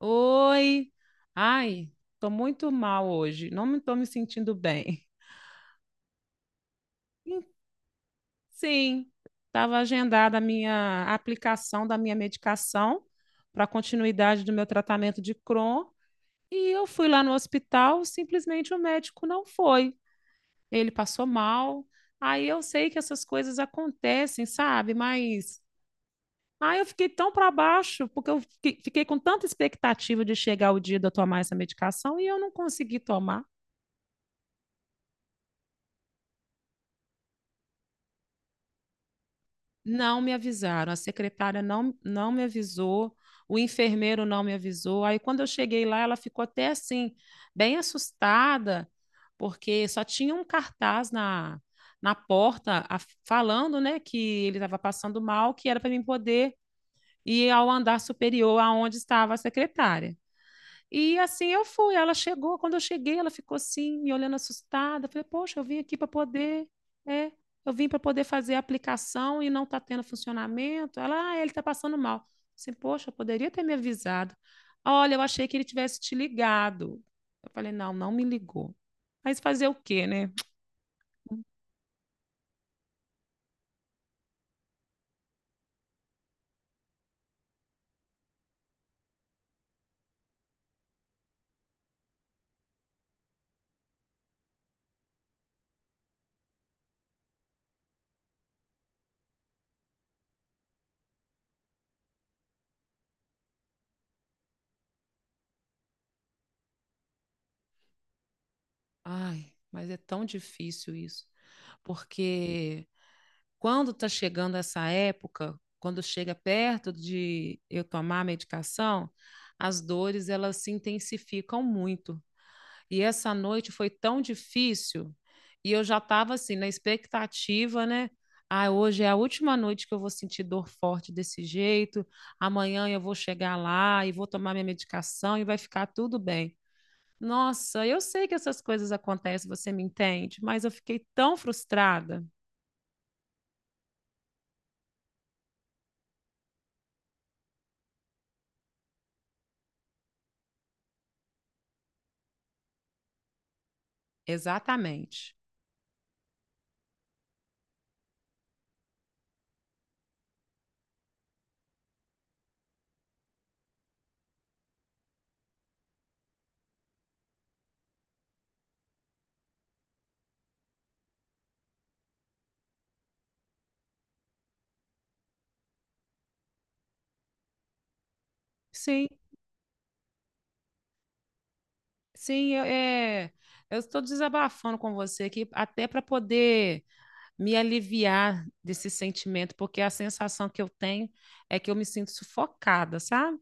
Oi, ai, tô muito mal hoje, não me tô me sentindo bem. Hum, Sim, estava agendada a minha aplicação da minha medicação para continuidade do meu tratamento de Crohn e eu fui lá no hospital, simplesmente o médico não foi. Ele passou mal. Aí eu sei que essas coisas acontecem, sabe? Mas aí eu fiquei tão para baixo porque eu fiquei com tanta expectativa de chegar o dia de eu tomar essa medicação e eu não consegui tomar. Não me avisaram, a secretária não me avisou, o enfermeiro não me avisou. Aí, quando eu cheguei lá, ela ficou até assim, bem assustada, porque só tinha um cartaz na porta falando, né, que ele estava passando mal, que era para mim poder ir ao andar superior aonde estava a secretária. E assim eu fui. Ela chegou, quando eu cheguei, ela ficou assim, me olhando assustada. Falei, poxa, eu vim aqui para poder. É, eu vim para poder fazer a aplicação e não está tendo funcionamento. Ela, ah, ele está passando mal. Assim, poxa, eu poderia ter me avisado. Olha, eu achei que ele tivesse te ligado. Eu falei, não, não me ligou. Mas fazer o quê, né? Ai, mas é tão difícil isso, porque quando está chegando essa época, quando chega perto de eu tomar a medicação, as dores elas se intensificam muito. E essa noite foi tão difícil e eu já estava assim na expectativa, né? Ah, hoje é a última noite que eu vou sentir dor forte desse jeito. Amanhã eu vou chegar lá e vou tomar minha medicação e vai ficar tudo bem. Nossa, eu sei que essas coisas acontecem, você me entende, mas eu fiquei tão frustrada. Exatamente. Sim. Eu eu estou desabafando com você aqui, até para poder me aliviar desse sentimento, porque a sensação que eu tenho é que eu me sinto sufocada, sabe?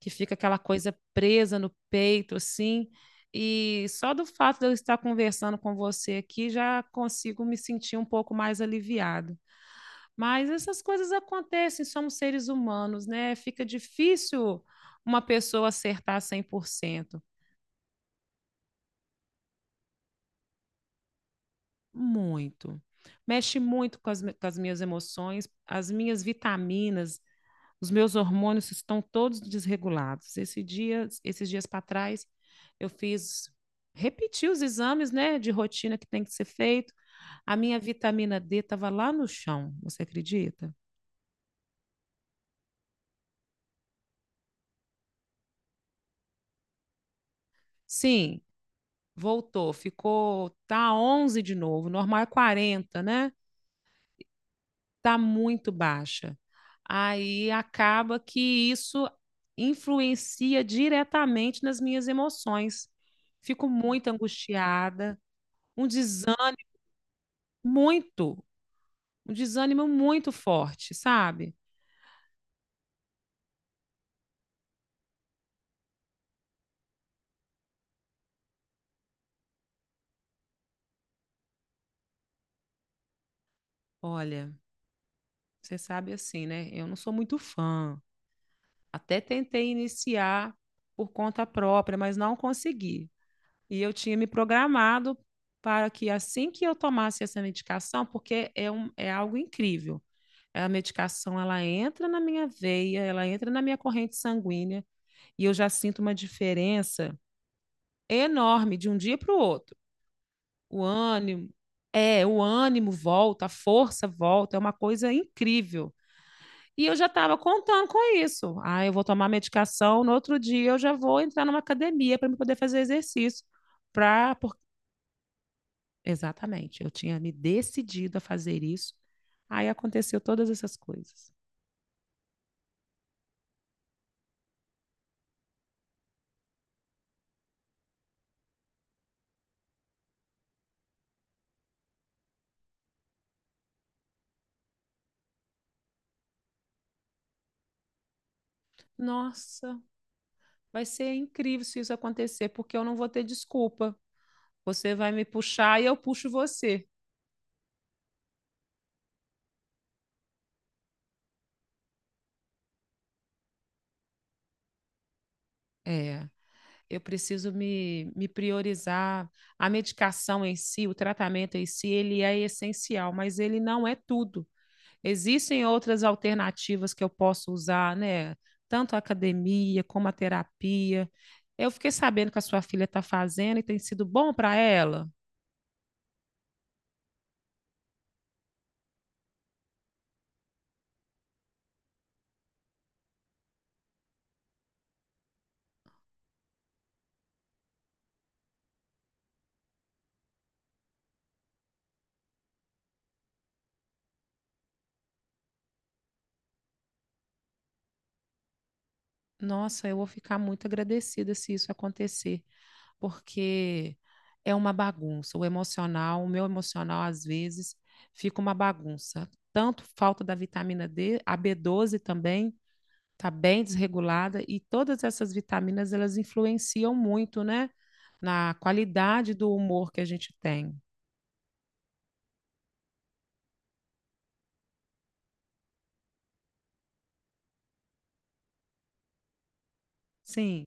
Que fica aquela coisa presa no peito, assim. E só do fato de eu estar conversando com você aqui, já consigo me sentir um pouco mais aliviado. Mas essas coisas acontecem, somos seres humanos, né? Fica difícil uma pessoa acertar cem por cento. Muito. Mexe muito com as, com as minhas emoções, as minhas vitaminas, os meus hormônios estão todos desregulados. Esse dia, esses dias para trás, eu fiz, repeti os exames, né, de rotina que tem que ser feito. A minha vitamina D estava lá no chão, você acredita? Sim, voltou, ficou, tá 11 de novo, normal é 40, né? Está muito baixa. Aí acaba que isso influencia diretamente nas minhas emoções. Fico muito angustiada, um desânimo muito, um desânimo muito forte, sabe? Olha, você sabe assim, né? Eu não sou muito fã. Até tentei iniciar por conta própria, mas não consegui. E eu tinha me programado para que assim que eu tomasse essa medicação, é algo incrível, a medicação ela entra na minha veia, ela entra na minha corrente sanguínea e eu já sinto uma diferença enorme de um dia para o outro. O ânimo, o ânimo volta, a força volta, é uma coisa incrível. E eu já estava contando com isso. Ah, eu vou tomar medicação, no outro dia eu já vou entrar numa academia para me poder fazer exercício. Pra, Exatamente, eu tinha me decidido a fazer isso. Aí aconteceu todas essas coisas. Nossa, vai ser incrível se isso acontecer, porque eu não vou ter desculpa. Você vai me puxar e eu puxo você. É, eu preciso me priorizar. A medicação em si, o tratamento em si, ele é essencial, mas ele não é tudo. Existem outras alternativas que eu posso usar, né? Tanto a academia como a terapia. Eu fiquei sabendo que a sua filha está fazendo e tem sido bom para ela. Nossa, eu vou ficar muito agradecida se isso acontecer, porque é uma bagunça. O emocional, o meu emocional, às vezes, fica uma bagunça. Tanto falta da vitamina D, a b doze também está bem desregulada, e todas essas vitaminas, elas influenciam muito, né? Na qualidade do humor que a gente tem. Sim.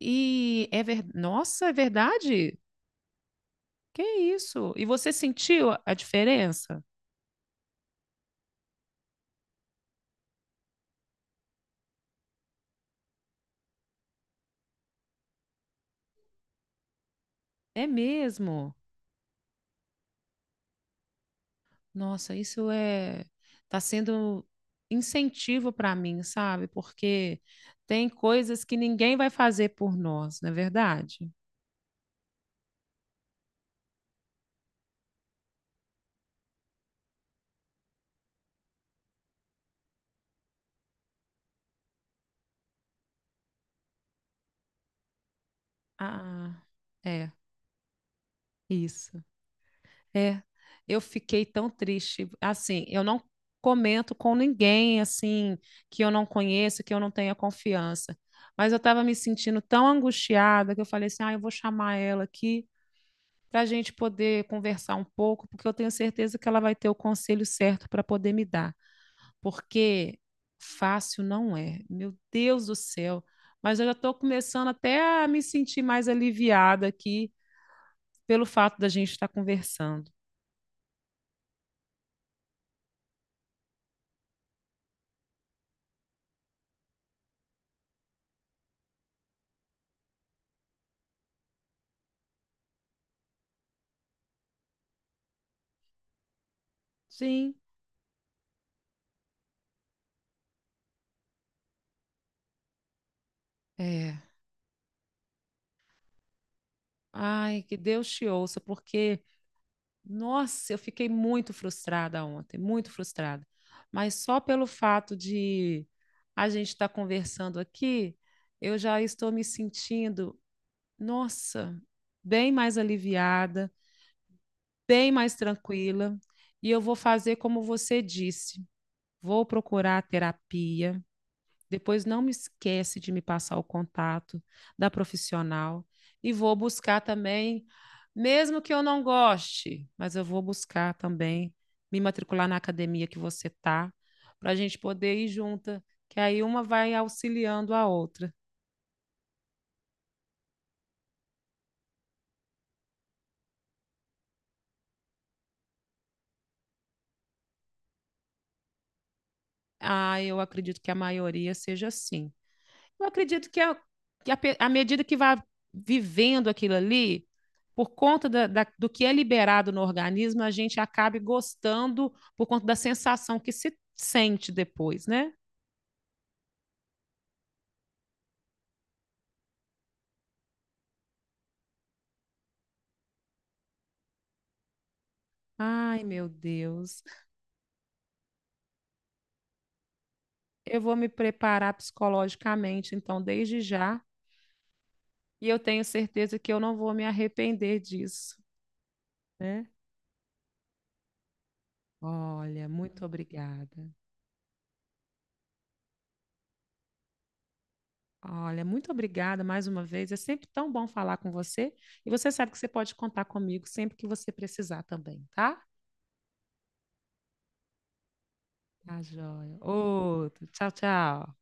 Nossa, é verdade? Que isso? E você sentiu a diferença? É mesmo? Nossa, isso é, tá sendo incentivo para mim, sabe? Porque tem coisas que ninguém vai fazer por nós, não é verdade? Ah, é, isso. É, eu fiquei tão triste. Assim, eu não comento com ninguém assim que eu não conheço, que eu não tenha confiança. Mas eu estava me sentindo tão angustiada que eu falei assim: "Ah, eu vou chamar ela aqui para a gente poder conversar um pouco, porque eu tenho certeza que ela vai ter o conselho certo para poder me dar, porque fácil não é. Meu Deus do céu! Mas eu já estou começando até a me sentir mais aliviada aqui pelo fato da gente estar conversando. Sim, é. Ai, que Deus te ouça, porque nossa, eu fiquei muito frustrada ontem, muito frustrada. Mas só pelo fato de a gente estar conversando aqui, eu já estou me sentindo, nossa, bem mais aliviada, bem mais tranquila. E eu vou fazer como você disse, vou procurar terapia, depois não me esquece de me passar o contato da profissional e vou buscar também, mesmo que eu não goste, mas eu vou buscar também me matricular na academia que você tá, para a gente poder ir junta, que aí uma vai auxiliando a outra. Ah, eu acredito que a maioria seja assim. Eu acredito que, que a à medida que vai vivendo aquilo ali, por conta do que é liberado no organismo, a gente acabe gostando por conta da sensação que se sente depois, né? Ai, meu Deus. Eu vou me preparar psicologicamente, então, desde já, e eu tenho certeza que eu não vou me arrepender disso, né? Olha, muito obrigada. Olha, muito obrigada mais uma vez. É sempre tão bom falar com você. E você sabe que você pode contar comigo sempre que você precisar também, tá? Tá, joia. Outro. Tchau, tchau.